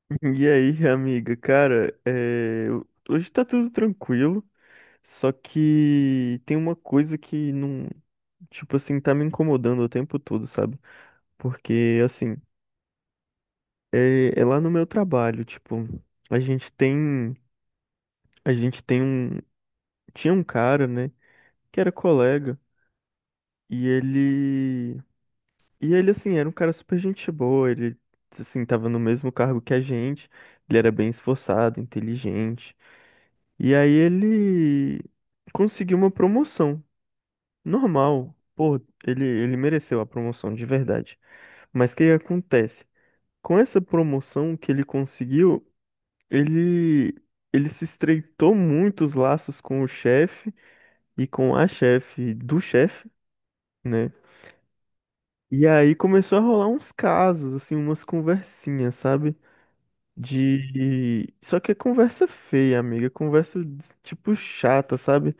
E aí, amiga, cara, é, hoje tá tudo tranquilo, só que tem uma coisa que não, tipo assim, tá me incomodando o tempo todo, sabe? Porque, assim, é lá no meu trabalho, tipo, a gente tem, a gente tem um, tinha um cara, né, que era colega, e ele, e ele, assim, era um cara super gente boa, ele, assim, tava no mesmo cargo que a gente, ele era bem esforçado, inteligente. E aí ele conseguiu uma promoção. Normal. Pô, ele mereceu a promoção, de verdade. Mas o que acontece? Com essa promoção que ele conseguiu, ele, ele se estreitou muito os laços com o chefe e com a chefe do chefe, né? E aí começou a rolar uns casos, assim, umas conversinhas, sabe? De. Só que é conversa feia, amiga. Conversa, tipo, chata, sabe?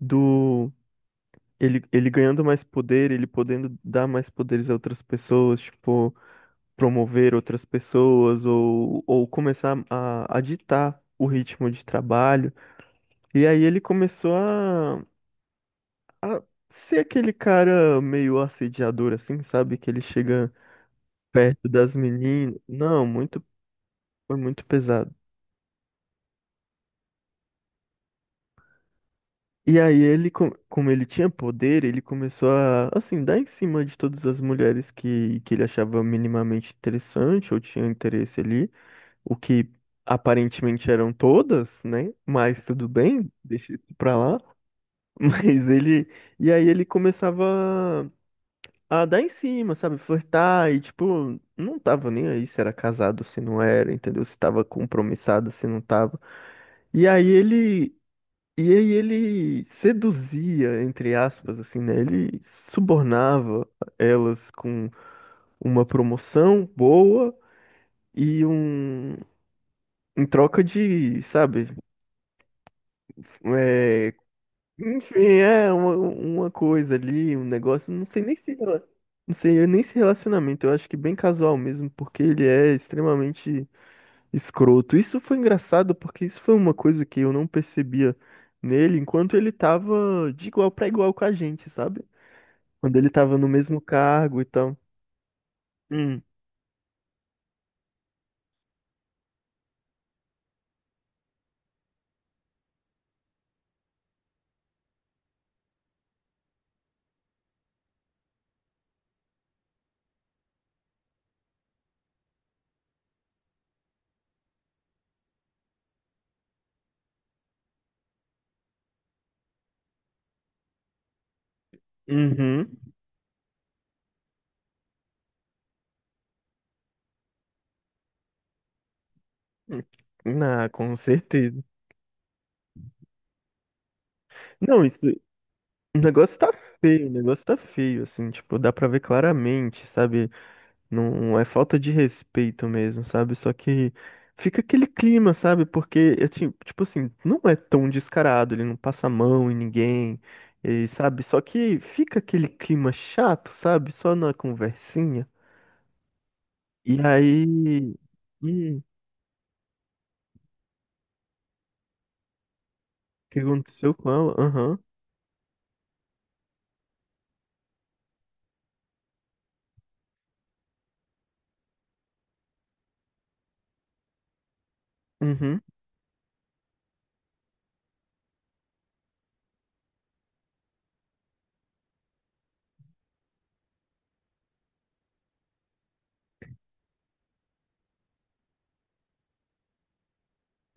Do. Ele ganhando mais poder, ele podendo dar mais poderes a outras pessoas, tipo, promover outras pessoas ou começar a ditar o ritmo de trabalho. E aí ele começou a ser aquele cara meio assediador, assim, sabe? Que ele chega perto das meninas. Não, muito, foi muito pesado. E aí ele, como ele tinha poder, ele começou a, assim, dar em cima de todas as mulheres que ele achava minimamente interessante ou tinha interesse ali. O que aparentemente eram todas, né? Mas tudo bem, deixa isso pra lá. Mas ele. E aí ele começava a dar em cima, sabe? Flertar e, tipo, não tava nem aí se era casado, se não era, entendeu? Se tava compromissado, se não tava. E aí ele. E aí ele seduzia, entre aspas, assim, né? Ele subornava elas com uma promoção boa e um. Em troca de, sabe, é, enfim, é uma coisa ali, um negócio, não sei nem se, não sei eu nem se relacionamento, eu acho que bem casual mesmo, porque ele é extremamente escroto. Isso foi engraçado porque isso foi uma coisa que eu não percebia nele enquanto ele tava de igual pra igual com a gente, sabe? Quando ele tava no mesmo cargo e tal. Hum, uhum. Ah, com certeza. Não, isso, o negócio tá feio, o negócio tá feio, assim, tipo, dá pra ver claramente, sabe? Não é falta de respeito mesmo, sabe? Só que fica aquele clima, sabe? Porque eu tipo assim, não é tão descarado, ele não passa a mão em ninguém, e, sabe? Só que fica aquele clima chato, sabe? Só na conversinha. E aí, e o que aconteceu com ela? Aham. Uhum.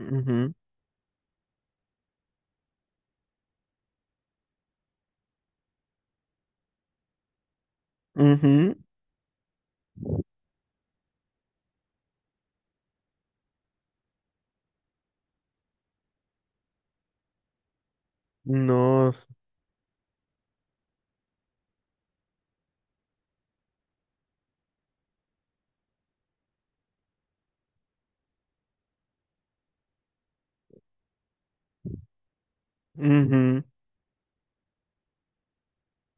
Uhum. Uhum. Nossa. Uhum.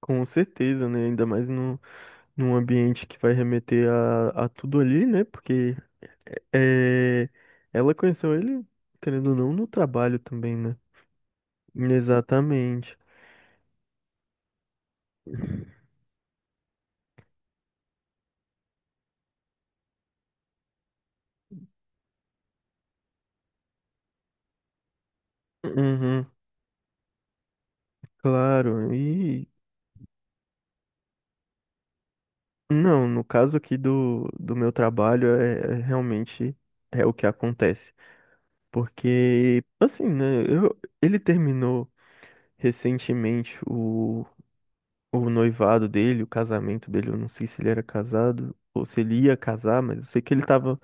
Com certeza, né? Ainda mais no, num ambiente que vai remeter a tudo ali, né? Porque é, ela conheceu ele, querendo ou não, no trabalho também, né? Exatamente. Uhum, claro. E não, no caso aqui do meu trabalho, é, realmente é o que acontece. Porque, assim, né? Ele terminou recentemente o noivado dele, o casamento dele. Eu não sei se ele era casado ou se ele ia casar, mas eu sei que ele tava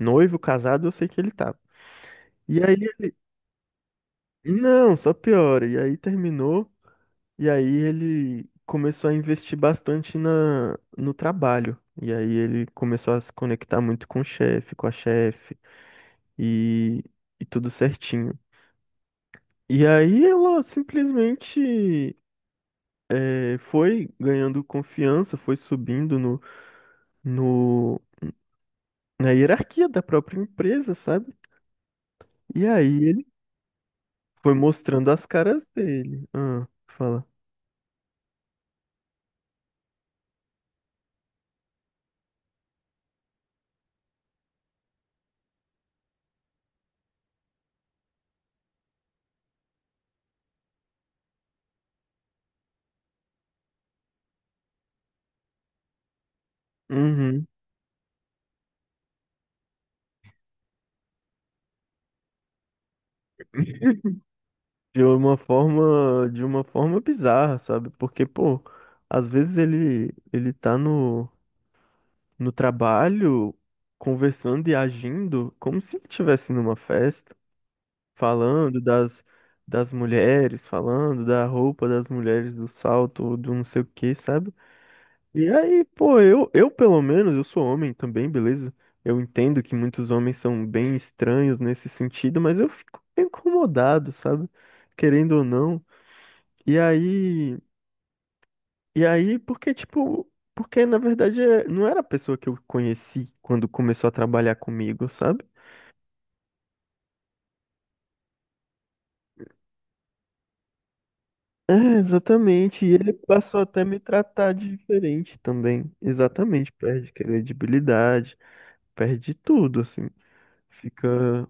noivo, casado, eu sei que ele tava. E aí não, só piora. E aí terminou, e aí ele começou a investir bastante no trabalho. E aí ele começou a se conectar muito com o chefe, com a chefe, e, e tudo certinho. E aí ela simplesmente foi ganhando confiança, foi subindo no, no, na hierarquia da própria empresa, sabe? E aí ele foi mostrando as caras dele. Ah, fala. Uhum. De uma forma, de uma forma bizarra, sabe? Porque, pô, às vezes ele tá no trabalho conversando e agindo como se ele estivesse numa festa, falando das mulheres, falando da roupa das mulheres, do salto, do não sei o quê, sabe? E aí, pô, eu pelo menos, eu sou homem também, beleza? Eu entendo que muitos homens são bem estranhos nesse sentido, mas eu fico incomodado, sabe? Querendo ou não, e aí, e aí, porque tipo, porque na verdade não era a pessoa que eu conheci quando começou a trabalhar comigo, sabe? É, exatamente. E ele passou até a me tratar de diferente também. Exatamente, perde credibilidade, perde tudo, assim. Fica.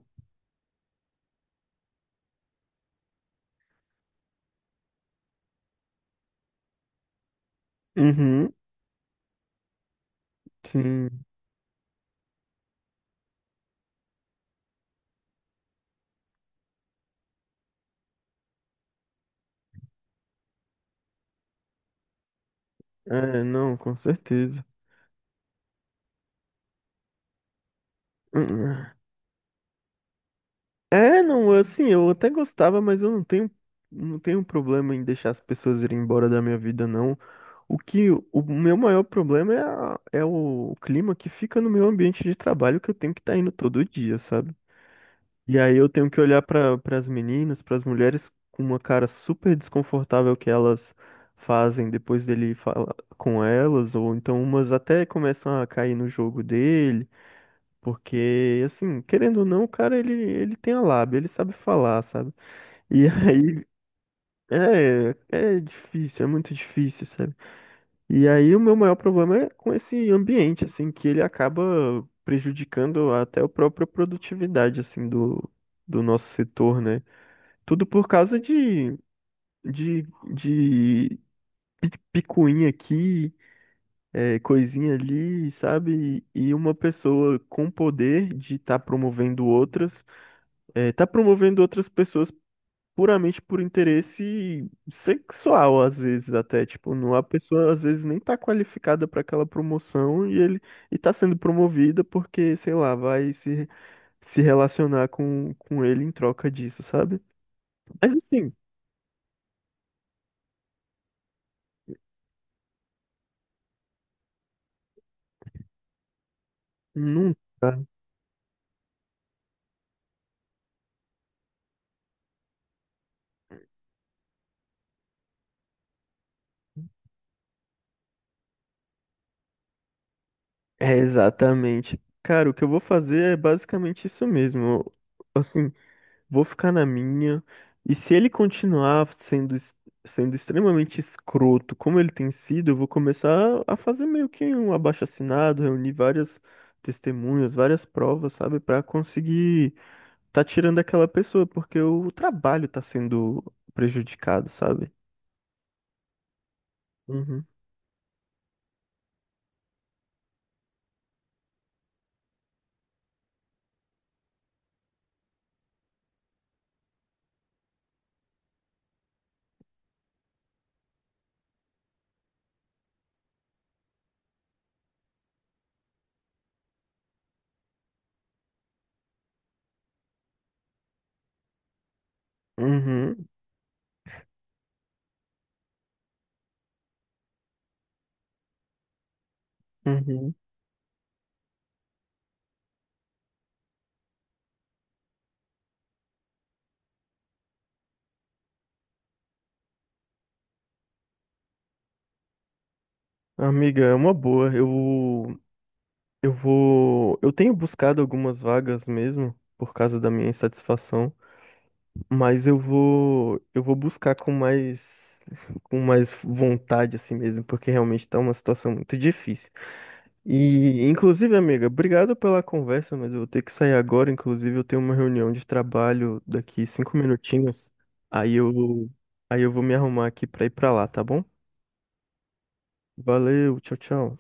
Uhum, sim. É, não, com certeza. Hum, É, não, assim, eu até gostava, mas eu não tenho problema em deixar as pessoas irem embora da minha vida, não. O que, o meu maior problema é, é o clima que fica no meu ambiente de trabalho que eu tenho que estar indo todo dia, sabe? E aí eu tenho que olhar para as meninas, para as mulheres com uma cara super desconfortável que elas fazem depois dele falar com elas, ou então umas até começam a cair no jogo dele. Porque, assim, querendo ou não, o cara, ele tem a lábia, ele sabe falar, sabe? E aí, é difícil, é muito difícil, sabe? E aí, o meu maior problema é com esse ambiente, assim, que ele acaba prejudicando até a própria produtividade, assim, do nosso setor, né? Tudo por causa de, de picuinha aqui, é, coisinha ali, sabe? E uma pessoa com poder de estar promovendo outras é, tá promovendo outras pessoas puramente por interesse sexual, às vezes até, tipo, não, a pessoa às vezes nem tá qualificada para aquela promoção e ele e tá sendo promovida porque, sei lá, vai se relacionar com ele em troca disso, sabe? Mas assim, não tá. É exatamente. Cara, o que eu vou fazer é basicamente isso mesmo. Assim, vou ficar na minha. E se ele continuar sendo, sendo extremamente escroto, como ele tem sido, eu vou começar a fazer meio que um abaixo-assinado, reunir várias testemunhas, várias provas, sabe, pra conseguir tá tirando aquela pessoa, porque o trabalho tá sendo prejudicado, sabe? Uhum, uhum, uhum. Amiga, é uma boa. Eu tenho buscado algumas vagas mesmo por causa da minha insatisfação. Mas eu vou buscar com mais vontade assim mesmo, porque realmente tá uma situação muito difícil. E, inclusive, amiga, obrigado pela conversa, mas eu vou ter que sair agora. Inclusive, eu tenho uma reunião de trabalho daqui 5 minutinhos. Aí eu, aí eu vou me arrumar aqui pra ir pra lá, tá bom? Valeu, tchau, tchau.